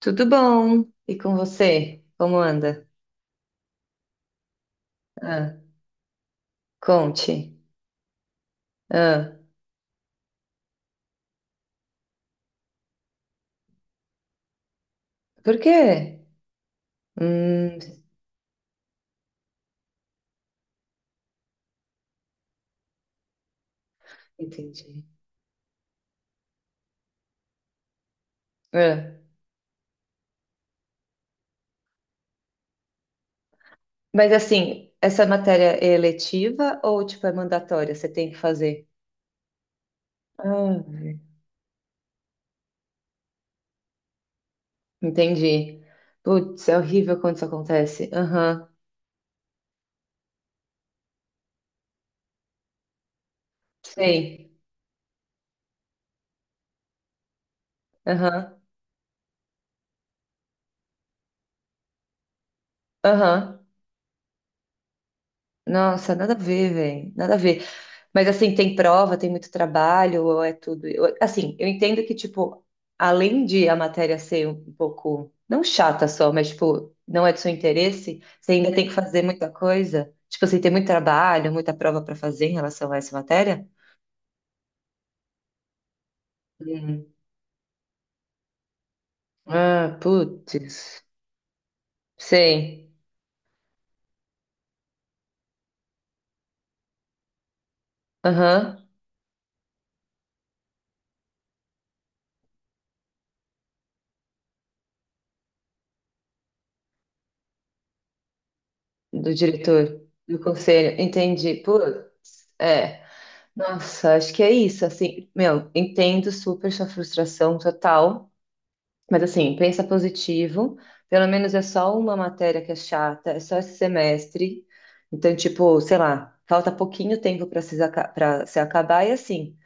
Tudo bom? E com você? Como anda? Ah, conte. Ah, por quê? Hum, Entendi. Ah, mas assim, essa matéria é eletiva ou tipo é mandatória? Você tem que fazer? Ah, entendi. Putz, é horrível quando isso acontece. Aham, sei. Aham, aham. Nossa, nada a ver, velho. Nada a ver. Mas assim, tem prova, tem muito trabalho, ou é tudo. Assim, eu entendo que, tipo, além de a matéria ser um pouco, não chata só, mas, tipo, não é do seu interesse, você ainda tem que fazer muita coisa. Tipo assim, tem muito trabalho, muita prova para fazer em relação a essa matéria? Hum. Ah, putz. Sei. Aham. Do diretor, do conselho. Entendi. Putz. É. Nossa, acho que é isso. Assim, meu, entendo super sua frustração total. Mas assim, pensa positivo. Pelo menos é só uma matéria que é chata, é só esse semestre. Então, tipo, sei lá, falta pouquinho tempo para se, aca- pra se acabar e assim,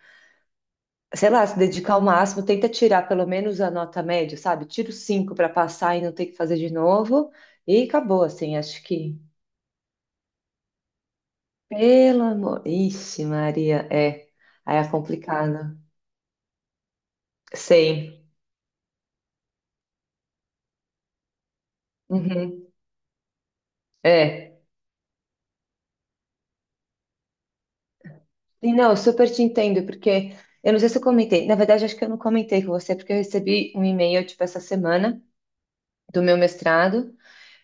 sei lá, se dedicar ao máximo, tenta tirar pelo menos a nota média, sabe? Tira os cinco para passar e não ter que fazer de novo. E acabou, assim, acho que. Pelo amor. Ixi, Maria, é. Aí é complicado. Sei. Uhum. É. Sim, não, eu super te entendo, porque eu não sei se eu comentei, na verdade acho que eu não comentei com você, porque eu recebi um e-mail, tipo, essa semana, do meu mestrado.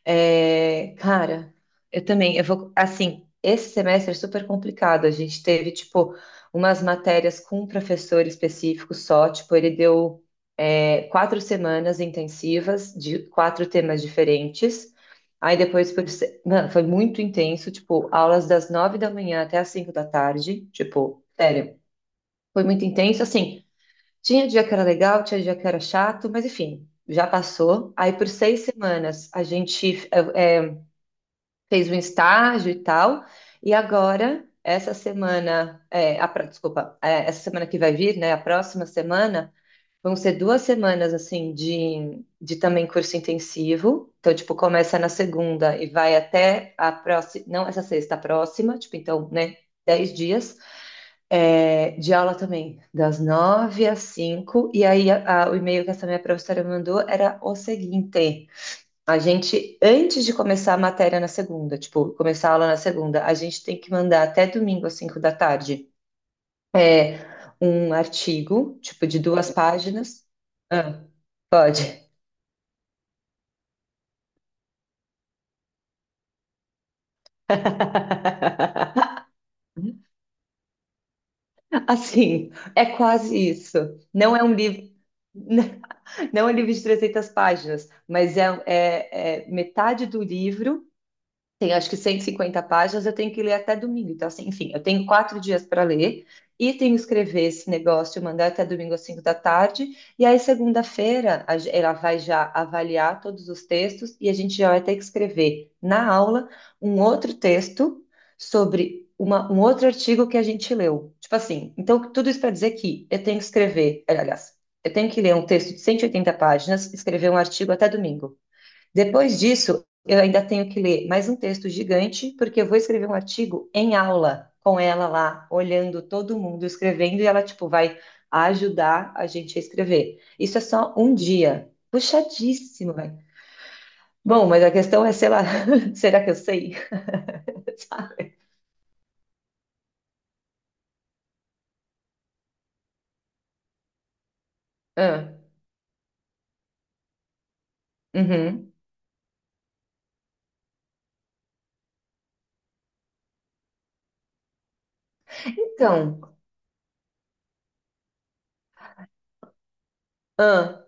É, cara, eu também, eu vou, assim, esse semestre é super complicado, a gente teve, tipo, umas matérias com um professor específico só, tipo, ele deu, 4 semanas intensivas de quatro temas diferentes, aí depois, mano, foi muito intenso, tipo, aulas das 9 da manhã até as 5 da tarde, tipo, sério. Foi muito intenso. Assim, tinha dia que era legal, tinha dia que era chato, mas enfim, já passou. Aí por 6 semanas a gente eh, eh, fez um estágio e tal. E agora, essa semana, desculpa, essa semana que vai vir, né? A próxima semana, vão ser duas semanas assim de também curso intensivo. Então, tipo, começa na segunda e vai até a próxima, não essa sexta, a próxima, tipo, então, né? 10 dias. É, de aula também, das 9 às 5. E aí, o e-mail que essa minha professora mandou era o seguinte: a gente, antes de começar a matéria na segunda, tipo, começar a aula na segunda, a gente tem que mandar até domingo às 5 da tarde é um artigo, tipo, de 2 páginas. Ah, pode. Assim, é quase isso. Não é um livro. Não é um livro de 300 páginas, mas é metade do livro tem acho que 150 páginas, eu tenho que ler até domingo. Então, assim, enfim, eu tenho 4 dias para ler e tenho que escrever esse negócio, mandar até domingo às 5 da tarde. E aí, segunda-feira, ela vai já avaliar todos os textos e a gente já vai ter que escrever na aula um outro texto sobre um outro artigo que a gente leu. Tipo assim, então, tudo isso para dizer que eu tenho que escrever, aliás, eu tenho que ler um texto de 180 páginas, escrever um artigo até domingo. Depois disso, eu ainda tenho que ler mais um texto gigante, porque eu vou escrever um artigo em aula com ela lá, olhando todo mundo escrevendo, e ela, tipo, vai ajudar a gente a escrever. Isso é só um dia. Puxadíssimo, velho. Bom, mas a questão é, sei lá, será que eu sei? Sabe? Ah, uhum. Então, ah,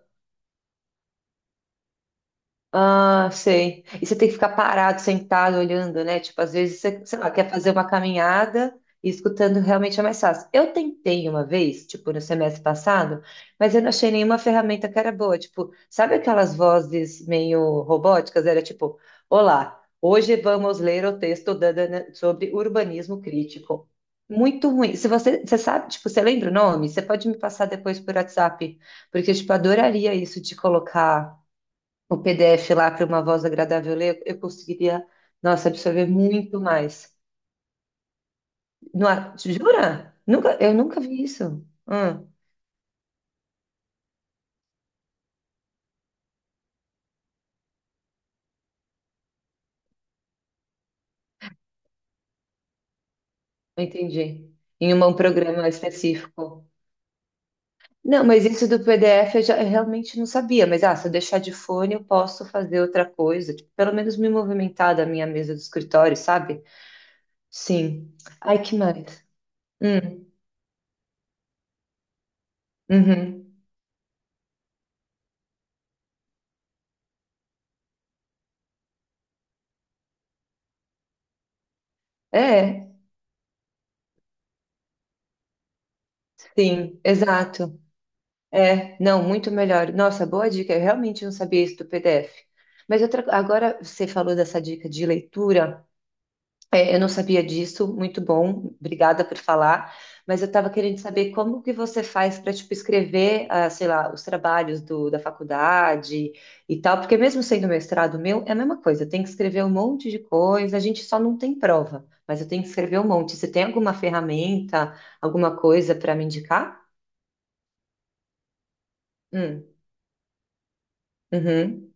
ah, sei. E você tem que ficar parado, sentado, olhando, né? Tipo, às vezes você, sei lá, quer fazer uma caminhada e escutando realmente é mais fácil. Eu tentei uma vez, tipo, no semestre passado, mas eu não achei nenhuma ferramenta que era boa. Tipo, sabe aquelas vozes meio robóticas? Era tipo, olá, hoje vamos ler o texto da Dana sobre urbanismo crítico. Muito ruim. Se você, você sabe, tipo, você lembra o nome? Você pode me passar depois por WhatsApp, porque, tipo, adoraria isso de colocar o PDF lá para uma voz agradável ler, eu conseguiria, nossa, absorver muito mais. Não, jura? Nunca, eu nunca vi isso. Ah, entendi. Em um programa específico. Não, mas isso do PDF eu realmente não sabia. Mas ah, se eu deixar de fone, eu posso fazer outra coisa. Tipo, pelo menos me movimentar da minha mesa do escritório, sabe? Sim. Ai, que mais? Hum, uhum. É, sim, exato. É, não, muito melhor. Nossa, boa dica. Eu realmente não sabia isso do PDF. Mas outra, agora você falou dessa dica de leitura. É, eu não sabia disso. Muito bom. Obrigada por falar. Mas eu estava querendo saber como que você faz para, tipo, escrever, ah, sei lá, os trabalhos da faculdade e tal. Porque mesmo sendo mestrado meu, é a mesma coisa. Eu tenho que escrever um monte de coisa. A gente só não tem prova. Mas eu tenho que escrever um monte. Você tem alguma ferramenta, alguma coisa para me indicar? Hum, uhum,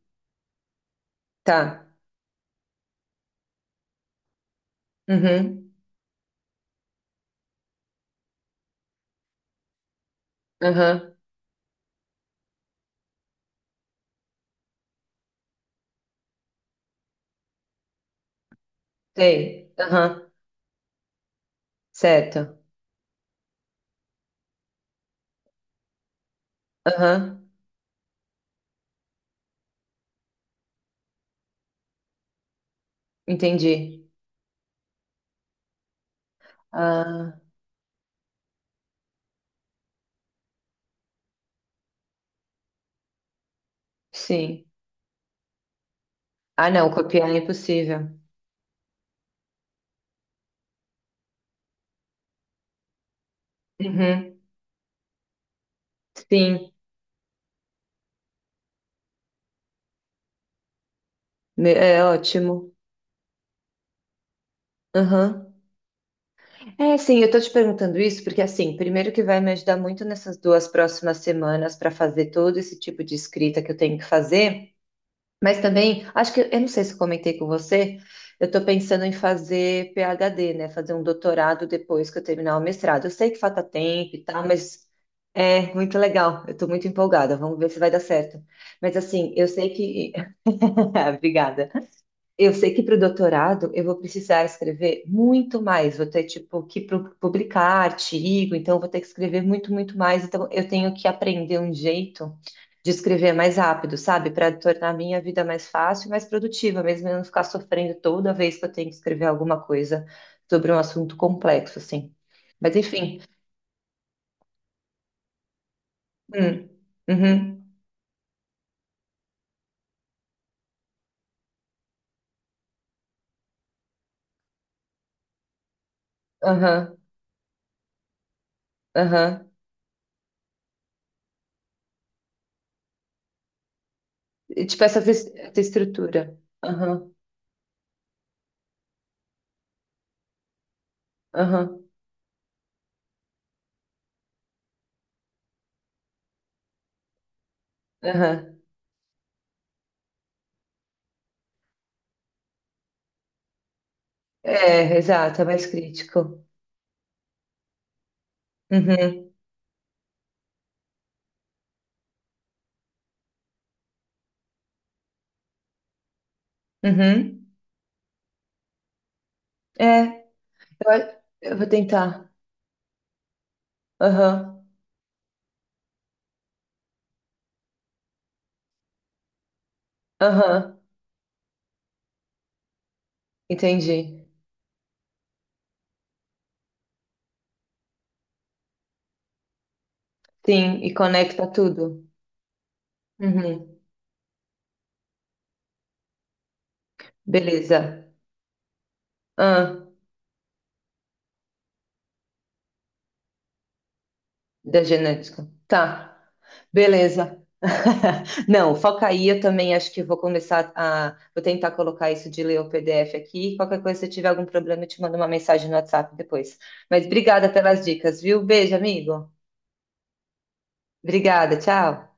tá. Uhum. Aham. Sei. Aham. Certo. Aham. Entendi. Ah, sim. Ah, não, copiar é impossível. Uhum. Sim. É ótimo. Aham. É, sim, eu tô te perguntando isso porque, assim, primeiro que vai me ajudar muito nessas 2 próximas semanas para fazer todo esse tipo de escrita que eu tenho que fazer. Mas também, acho que, eu não sei se eu comentei com você, eu estou pensando em fazer PhD, né? Fazer um doutorado depois que eu terminar o mestrado. Eu sei que falta tempo e tal, mas é muito legal. Eu estou muito empolgada. Vamos ver se vai dar certo. Mas assim, eu sei que. Obrigada. Eu sei que para o doutorado eu vou precisar escrever muito mais, vou ter tipo que publicar artigo, então eu vou ter que escrever muito, muito mais. Então eu tenho que aprender um jeito de escrever mais rápido, sabe? Para tornar a minha vida mais fácil e mais produtiva, mesmo eu não ficar sofrendo toda vez que eu tenho que escrever alguma coisa sobre um assunto complexo, assim. Mas enfim. Hum, uhum, aham, aham. E, tipo essa estrutura. Aham, aham, aham. É, exato, é mais crítico. Uhum, uhum. É, eu vou tentar. Aham, aham, entendi. Sim, e conecta tudo. Uhum, beleza. Ah, da genética. Tá, beleza. Não, foca aí, eu também acho que Vou tentar colocar isso de ler o PDF aqui. Qualquer coisa, se eu tiver algum problema, eu te mando uma mensagem no WhatsApp depois. Mas obrigada pelas dicas, viu? Beijo, amigo. Obrigada, tchau.